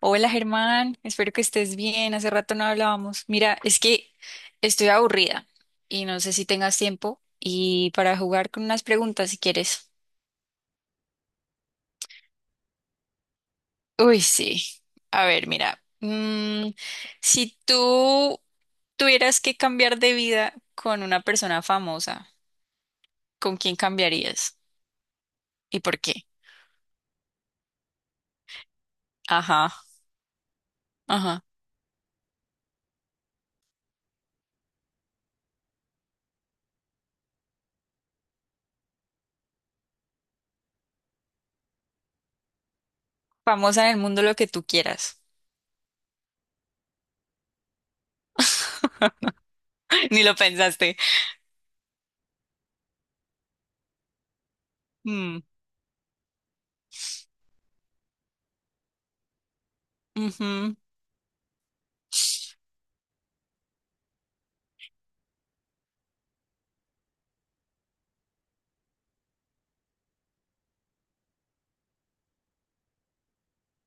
Hola Germán, espero que estés bien. Hace rato no hablábamos. Mira, es que estoy aburrida y no sé si tengas tiempo y para jugar con unas preguntas si quieres. Uy, sí. A ver, mira, si tú tuvieras que cambiar de vida con una persona famosa, ¿con quién cambiarías y por qué? Ajá, ajá. Famosa en el mundo lo que tú quieras. Ni lo pensaste. Mm, ujú,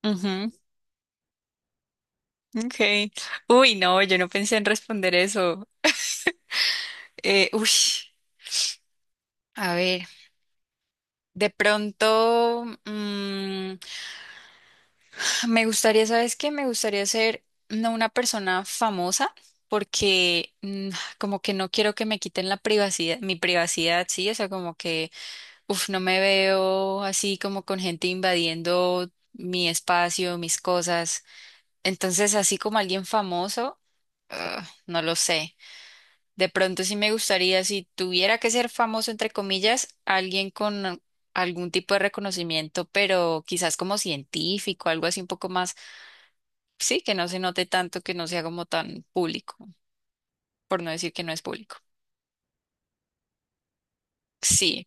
ujú. Okay. Uy, no, yo no pensé en responder eso. Uy, a ver, de pronto me gustaría, ¿sabes qué? Me gustaría ser no una persona famosa porque como que no quiero que me quiten la privacidad, mi privacidad, sí, o sea, como que, uf, no me veo así como con gente invadiendo mi espacio, mis cosas. Entonces, así como alguien famoso, ah, no lo sé. De pronto sí me gustaría, si tuviera que ser famoso, entre comillas, alguien con algún tipo de reconocimiento, pero quizás como científico, algo así un poco más, sí, que no se note tanto, que no sea como tan público, por no decir que no es público. Sí,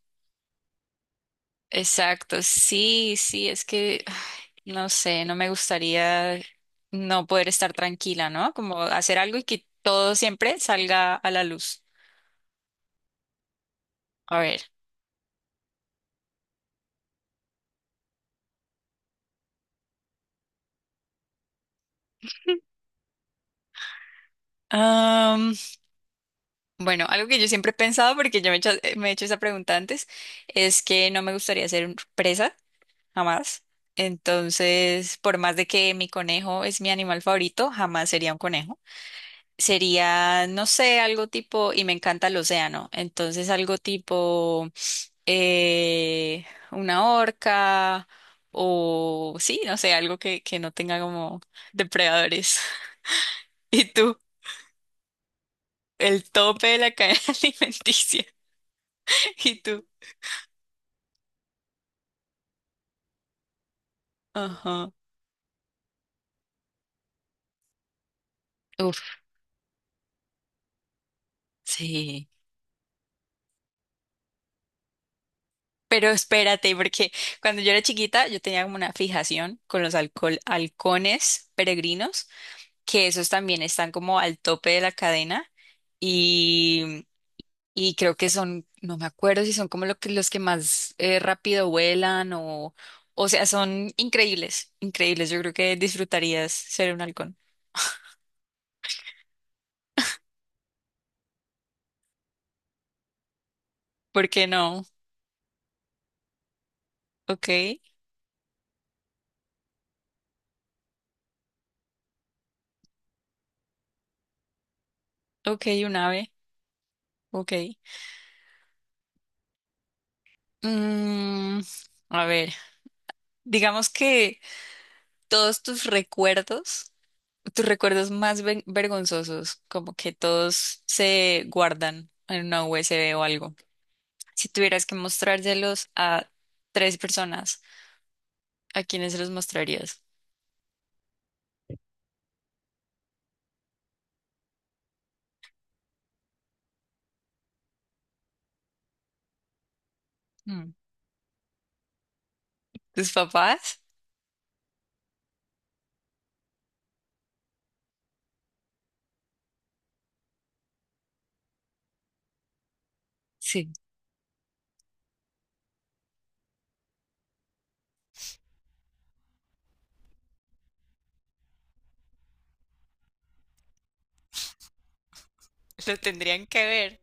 exacto, sí, sí, es que, ay, no sé, no me gustaría no poder estar tranquila, ¿no? Como hacer algo y que todo siempre salga a la luz. A ver. Bueno, algo que yo siempre he pensado, porque yo me he hecho esa pregunta antes, es que no me gustaría ser presa, jamás. Entonces, por más de que mi conejo es mi animal favorito, jamás sería un conejo. Sería, no sé, algo tipo, y me encanta el océano, entonces algo tipo eh, una orca o sí, no sé, algo que no tenga como depredadores. ¿Y tú? El tope de la cadena alimenticia. ¿Y tú? Ajá. Uf, sí. Pero espérate, porque cuando yo era chiquita, yo tenía como una fijación con los halcones peregrinos, que esos también están como al tope de la cadena y, y creo que son, no me acuerdo si son como los que más rápido vuelan o sea, son increíbles, increíbles. Yo creo que disfrutarías ser un halcón. ¿Por qué no? Ok, ok, un ave, ok. Mm, a ver, digamos que todos tus recuerdos más vergonzosos, como que todos se guardan en una USB o algo. Si tuvieras que mostrárselos a tres personas, ¿a quiénes se los mostrarías? Mm. ¿Tus papás? Sí. Lo tendrían que ver,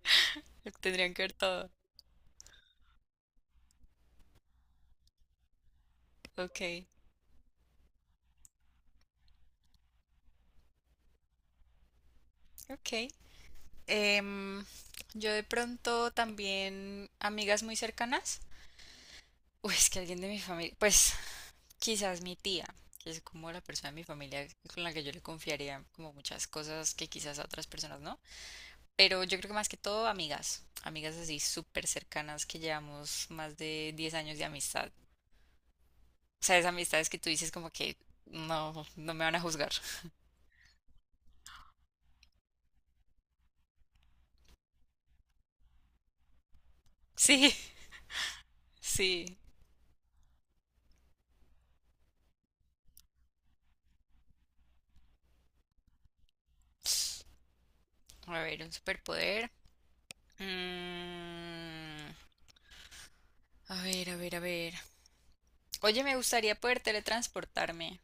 lo tendrían que ver todo. Ok, ok. Em, yo de pronto también amigas muy cercanas. Uy, es que alguien de mi familia, pues, quizás mi tía, que es como la persona de mi familia con la que yo le confiaría como muchas cosas que quizás a otras personas no. Pero yo creo que más que todo amigas, amigas así súper cercanas que llevamos más de 10 años de amistad. O sea, esas amistades que tú dices como que no, no me van a juzgar. Sí, sí. A ver, un superpoder. Mm, a ver, a ver, a ver. Oye, me gustaría poder teletransportarme.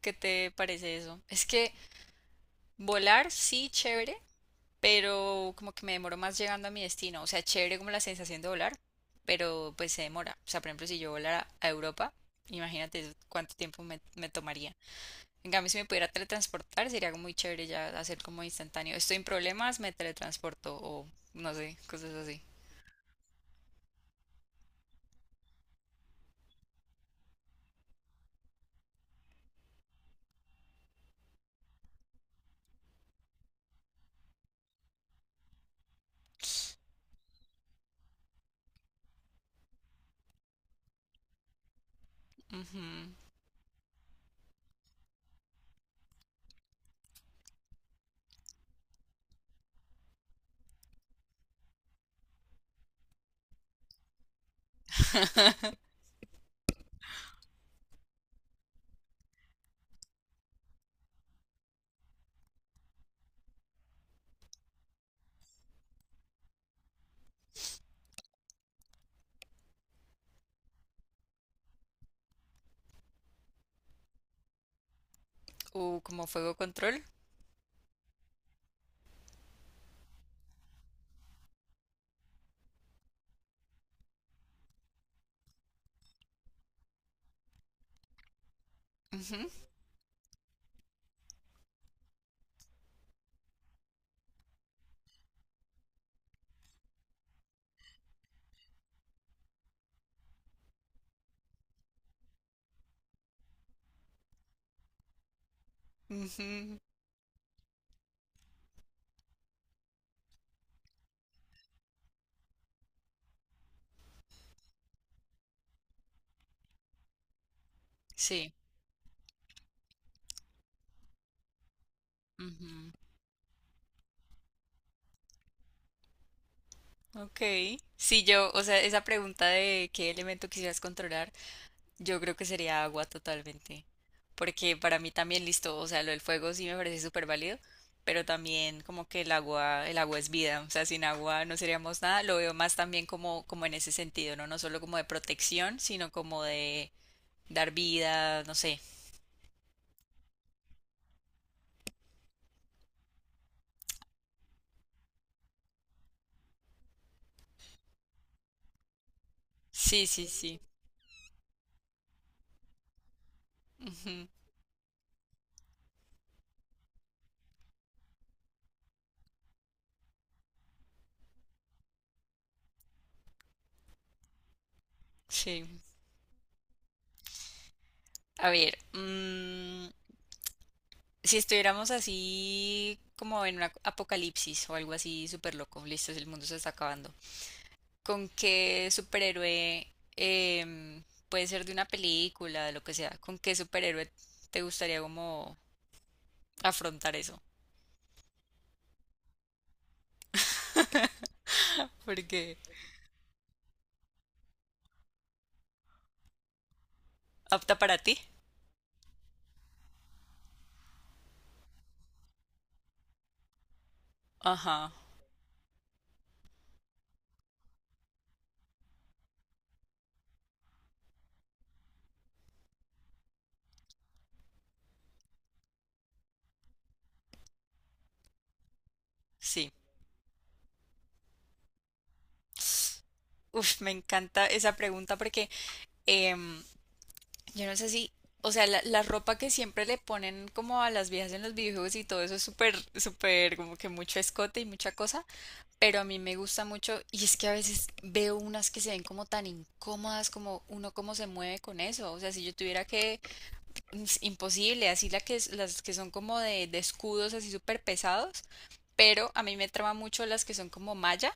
¿Qué te parece eso? Es que volar sí, chévere, pero como que me demoro más llegando a mi destino. O sea, chévere como la sensación de volar, pero pues se demora. O sea, por ejemplo, si yo volara a Europa, imagínate cuánto tiempo me tomaría. En cambio, si me pudiera teletransportar, sería algo muy chévere ya hacer como instantáneo. Estoy en problemas, me teletransporto o no sé, cosas así. Ujú. Como fuego control. Ujú, ujú. Sí. Ujú. Ok. Si yo, o sea, esa pregunta de qué elemento quisieras controlar, yo creo que sería agua totalmente. Porque para mí también listo, o sea, lo del fuego sí me parece súper válido, pero también como que el agua es vida, o sea, sin agua no seríamos nada. Lo veo más también como, como en ese sentido, ¿no? No solo como de protección, sino como de dar vida, no sé. Sí, sí, sí. Ujú, sí. A ver, si estuviéramos así como en un apocalipsis o algo así súper loco, listo, el mundo se está acabando. ¿Con qué superhéroe, em, puede ser de una película, de lo que sea, con qué superhéroe te gustaría como afrontar eso? Porque apta para ti. Ajá, sí. Uf, me encanta esa pregunta porque em, yo no sé si, o sea, la ropa que siempre le ponen como a las viejas en los videojuegos y todo eso es súper, súper, como que mucho escote y mucha cosa, pero a mí me gusta mucho y es que a veces veo unas que se ven como tan incómodas, como uno cómo se mueve con eso, o sea, si yo tuviera que, es imposible, así la que, las que son como de, escudos así súper pesados, pero a mí me trama mucho las que son como malla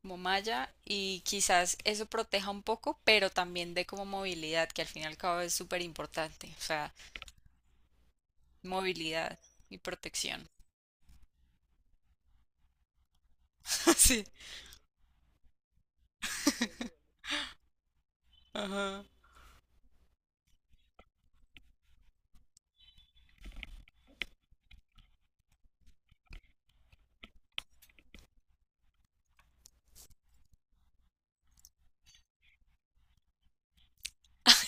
como malla y quizás eso proteja un poco, pero también dé como movilidad, que al fin y al cabo es súper importante, o sea, movilidad y protección. Sí, ajá.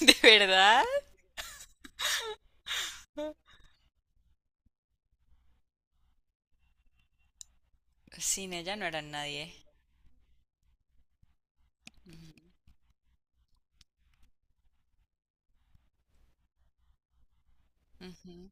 ¿De verdad? Sin ella no era nadie. Ujú.